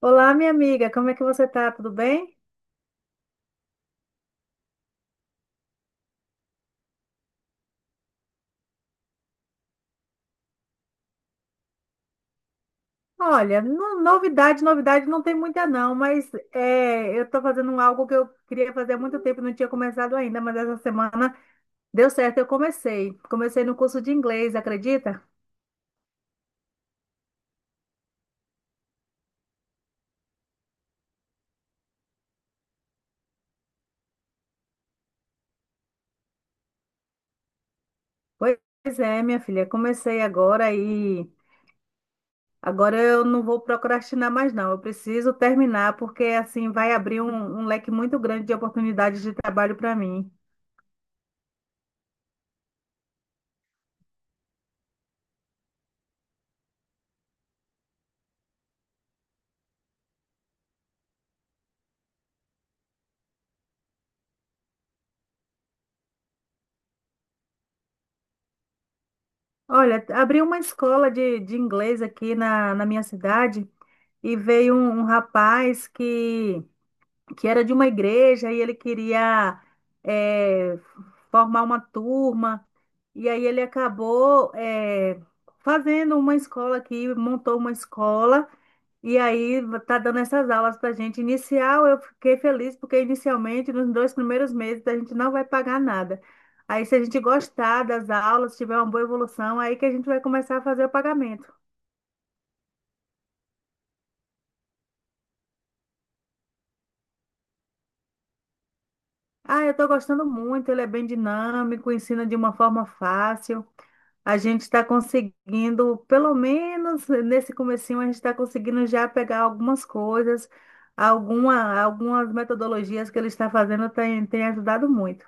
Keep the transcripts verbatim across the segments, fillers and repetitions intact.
Olá, minha amiga, como é que você tá? Tudo bem? Olha, no- novidade, novidade não tem muita não, mas é, eu estou fazendo algo que eu queria fazer há muito tempo, e não tinha começado ainda, mas essa semana deu certo, eu comecei. Comecei no curso de inglês, acredita? Pois é, minha filha, comecei agora e agora eu não vou procrastinar mais não, eu preciso terminar, porque assim vai abrir um, um leque muito grande de oportunidades de trabalho para mim. Olha, abri uma escola de, de inglês aqui na, na minha cidade. E veio um, um rapaz que, que era de uma igreja e ele queria eh, formar uma turma, e aí ele acabou eh, fazendo uma escola aqui, montou uma escola, e aí tá dando essas aulas para gente. Inicial, eu fiquei feliz, porque inicialmente, nos dois primeiros meses, a gente não vai pagar nada. Aí, se a gente gostar das aulas, tiver uma boa evolução, aí que a gente vai começar a fazer o pagamento. Ah, eu estou gostando muito, ele é bem dinâmico, ensina de uma forma fácil. A gente está conseguindo, pelo menos nesse comecinho, a gente está conseguindo já pegar algumas coisas, alguma, algumas metodologias que ele está fazendo tem, tem ajudado muito.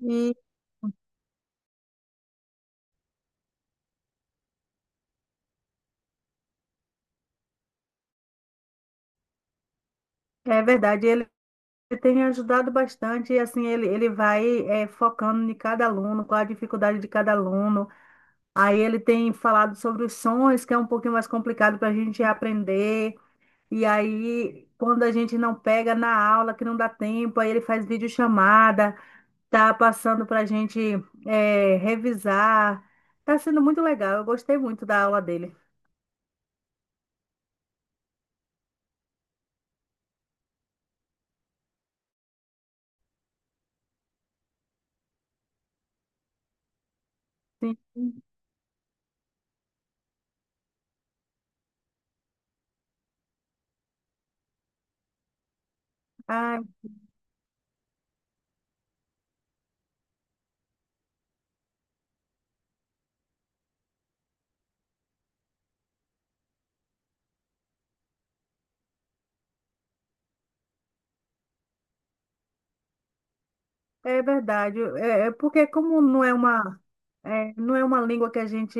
E é verdade, ele tem ajudado bastante, e assim, ele, ele vai eh, focando em cada aluno, qual a dificuldade de cada aluno. Aí ele tem falado sobre os sons, que é um pouquinho mais complicado para a gente aprender. E aí, quando a gente não pega na aula, que não dá tempo, aí ele faz videochamada, tá passando para a gente é, revisar. Tá sendo muito legal, eu gostei muito da aula dele. Sim. Ah, é verdade. É, é porque como não é uma, é, não é uma língua que a gente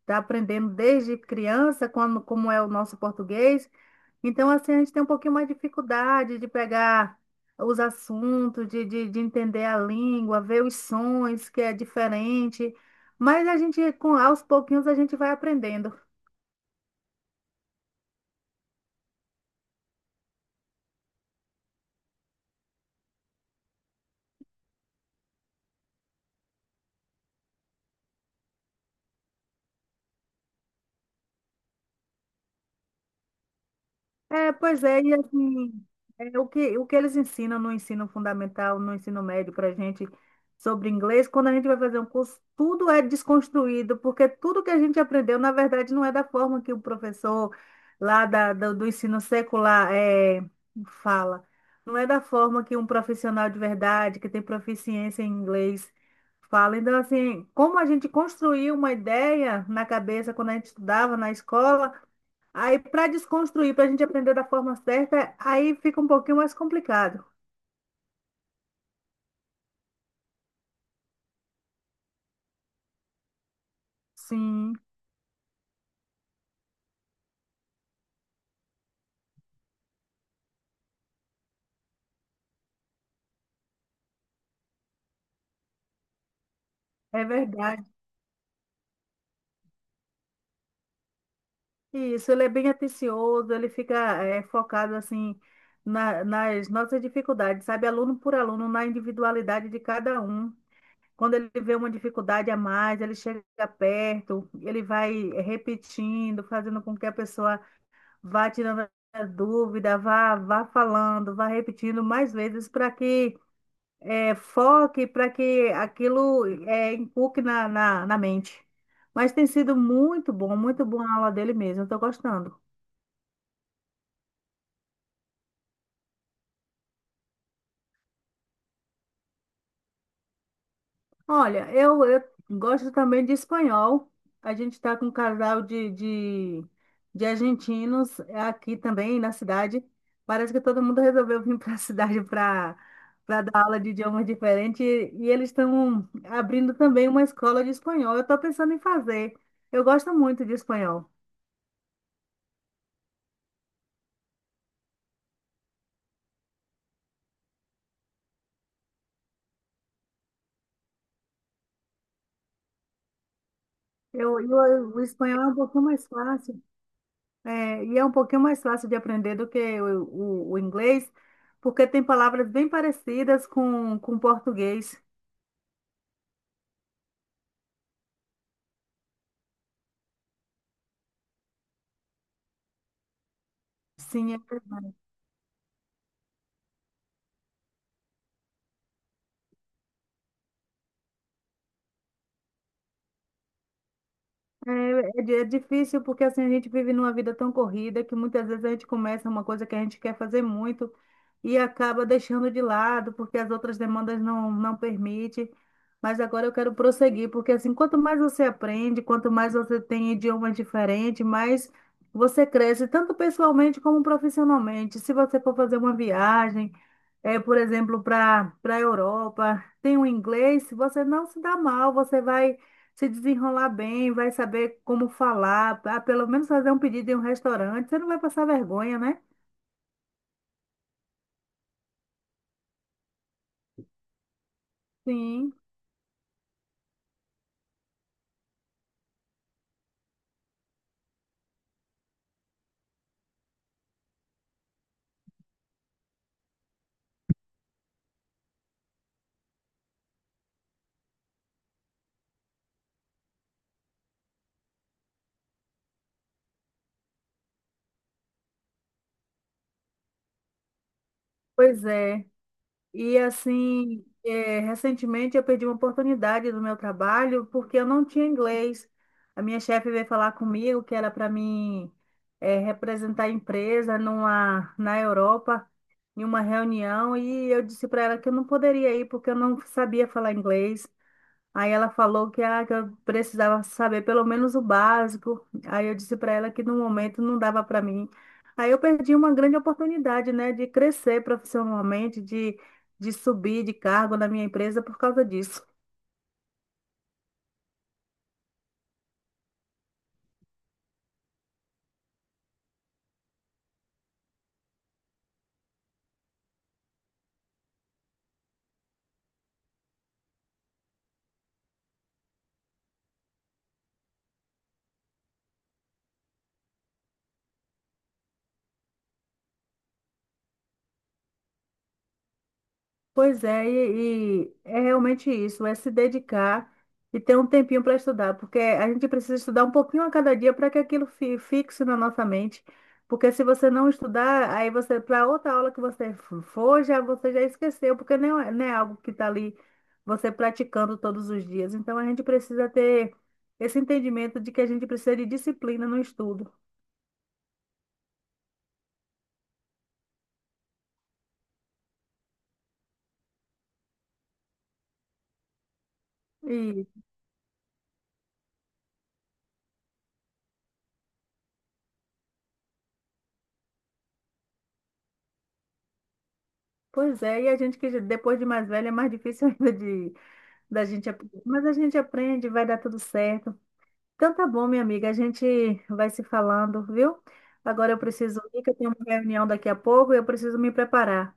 está aprendendo desde criança, quando, como é o nosso português. Então, assim, a gente tem um pouquinho mais de dificuldade de pegar os assuntos, de, de, de entender a língua, ver os sons, que é diferente. Mas a gente, com aos pouquinhos, a gente vai aprendendo. É, pois é, e assim, é, o que, o que eles ensinam no ensino fundamental, no ensino médio para a gente sobre inglês, quando a gente vai fazer um curso, tudo é desconstruído, porque tudo que a gente aprendeu, na verdade, não é da forma que o professor lá da, do, do ensino secular é, fala. Não é da forma que um profissional de verdade, que tem proficiência em inglês, fala. Então, assim, como a gente construiu uma ideia na cabeça quando a gente estudava na escola, aí, para desconstruir, para a gente aprender da forma certa, aí fica um pouquinho mais complicado. Sim, é verdade. Isso, ele é bem atencioso, ele fica eh, focado assim na- nas nossas dificuldades, sabe? Aluno por aluno, na individualidade de cada um. Quando ele vê uma dificuldade a mais, ele chega perto, ele vai repetindo, fazendo com que a pessoa vá tirando a dúvida, vá, vá falando, vá repetindo mais vezes para que é, foque para que aquilo é, inculque na, na, na mente. Mas tem sido muito bom, muito boa a aula dele mesmo, estou gostando. Olha, eu, eu gosto também de espanhol. A gente está com um casal de, de, de argentinos aqui também na cidade. Parece que todo mundo resolveu vir para a cidade para para dar aula de idiomas diferentes e eles estão abrindo também uma escola de espanhol. Eu estou pensando em fazer. Eu gosto muito de espanhol. Eu, eu- o espanhol é um pouquinho mais fácil, é, e é um pouquinho mais fácil de aprender do que o, o- o inglês, porque tem palavras bem parecidas com, com o português. Sim, é. É, é di- é difícil porque assim a gente vive numa vida tão corrida que muitas vezes a gente começa uma coisa que a gente quer fazer muito e acaba deixando de lado porque as outras demandas não, não permitem. Mas agora eu quero prosseguir, porque assim, quanto mais você aprende, quanto mais você tem idiomas diferentes, mais você cresce, tanto pessoalmente como profissionalmente. Se você for fazer uma viagem, é, por exemplo, para para a Europa, tem o inglês, você não se dá mal, você vai se desenrolar bem, vai saber como falar, ah, pelo menos fazer um pedido em um restaurante, você não vai passar vergonha, né? Sim, pois é. E assim, é, recentemente eu perdi uma oportunidade do meu trabalho porque eu não tinha inglês. A minha chefe veio falar comigo que era para mim é, representar a empresa numa, na Europa, em uma reunião, e eu disse para ela que eu não poderia ir porque eu não sabia falar inglês. Aí ela falou que, ah, que eu precisava saber pelo menos o básico. Aí eu disse para ela que no momento não dava para mim. Aí eu perdi uma grande oportunidade, né, de crescer profissionalmente, de, de subir de cargo na minha empresa por causa disso. Pois é, e, e é realmente isso, é se dedicar e ter um tempinho para estudar, porque a gente precisa estudar um pouquinho a cada dia para que aquilo fi- fixe na nossa mente, porque se você não estudar, aí você, para outra aula que você f- for, já, você já esqueceu, porque não é, não é algo que está ali você praticando todos os dias. Então a gente precisa ter esse entendimento de que a gente precisa de disciplina no estudo. E, pois é, e a gente que já- depois de mais velha é mais difícil ainda. Da gente, ap- mas a gente aprende, vai dar tudo certo. Então tá bom, minha amiga, a gente vai se falando, viu? Agora eu preciso ir, que eu tenho uma reunião daqui a pouco e eu preciso me preparar.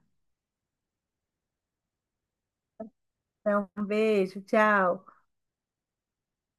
Então, um beijo, tchau.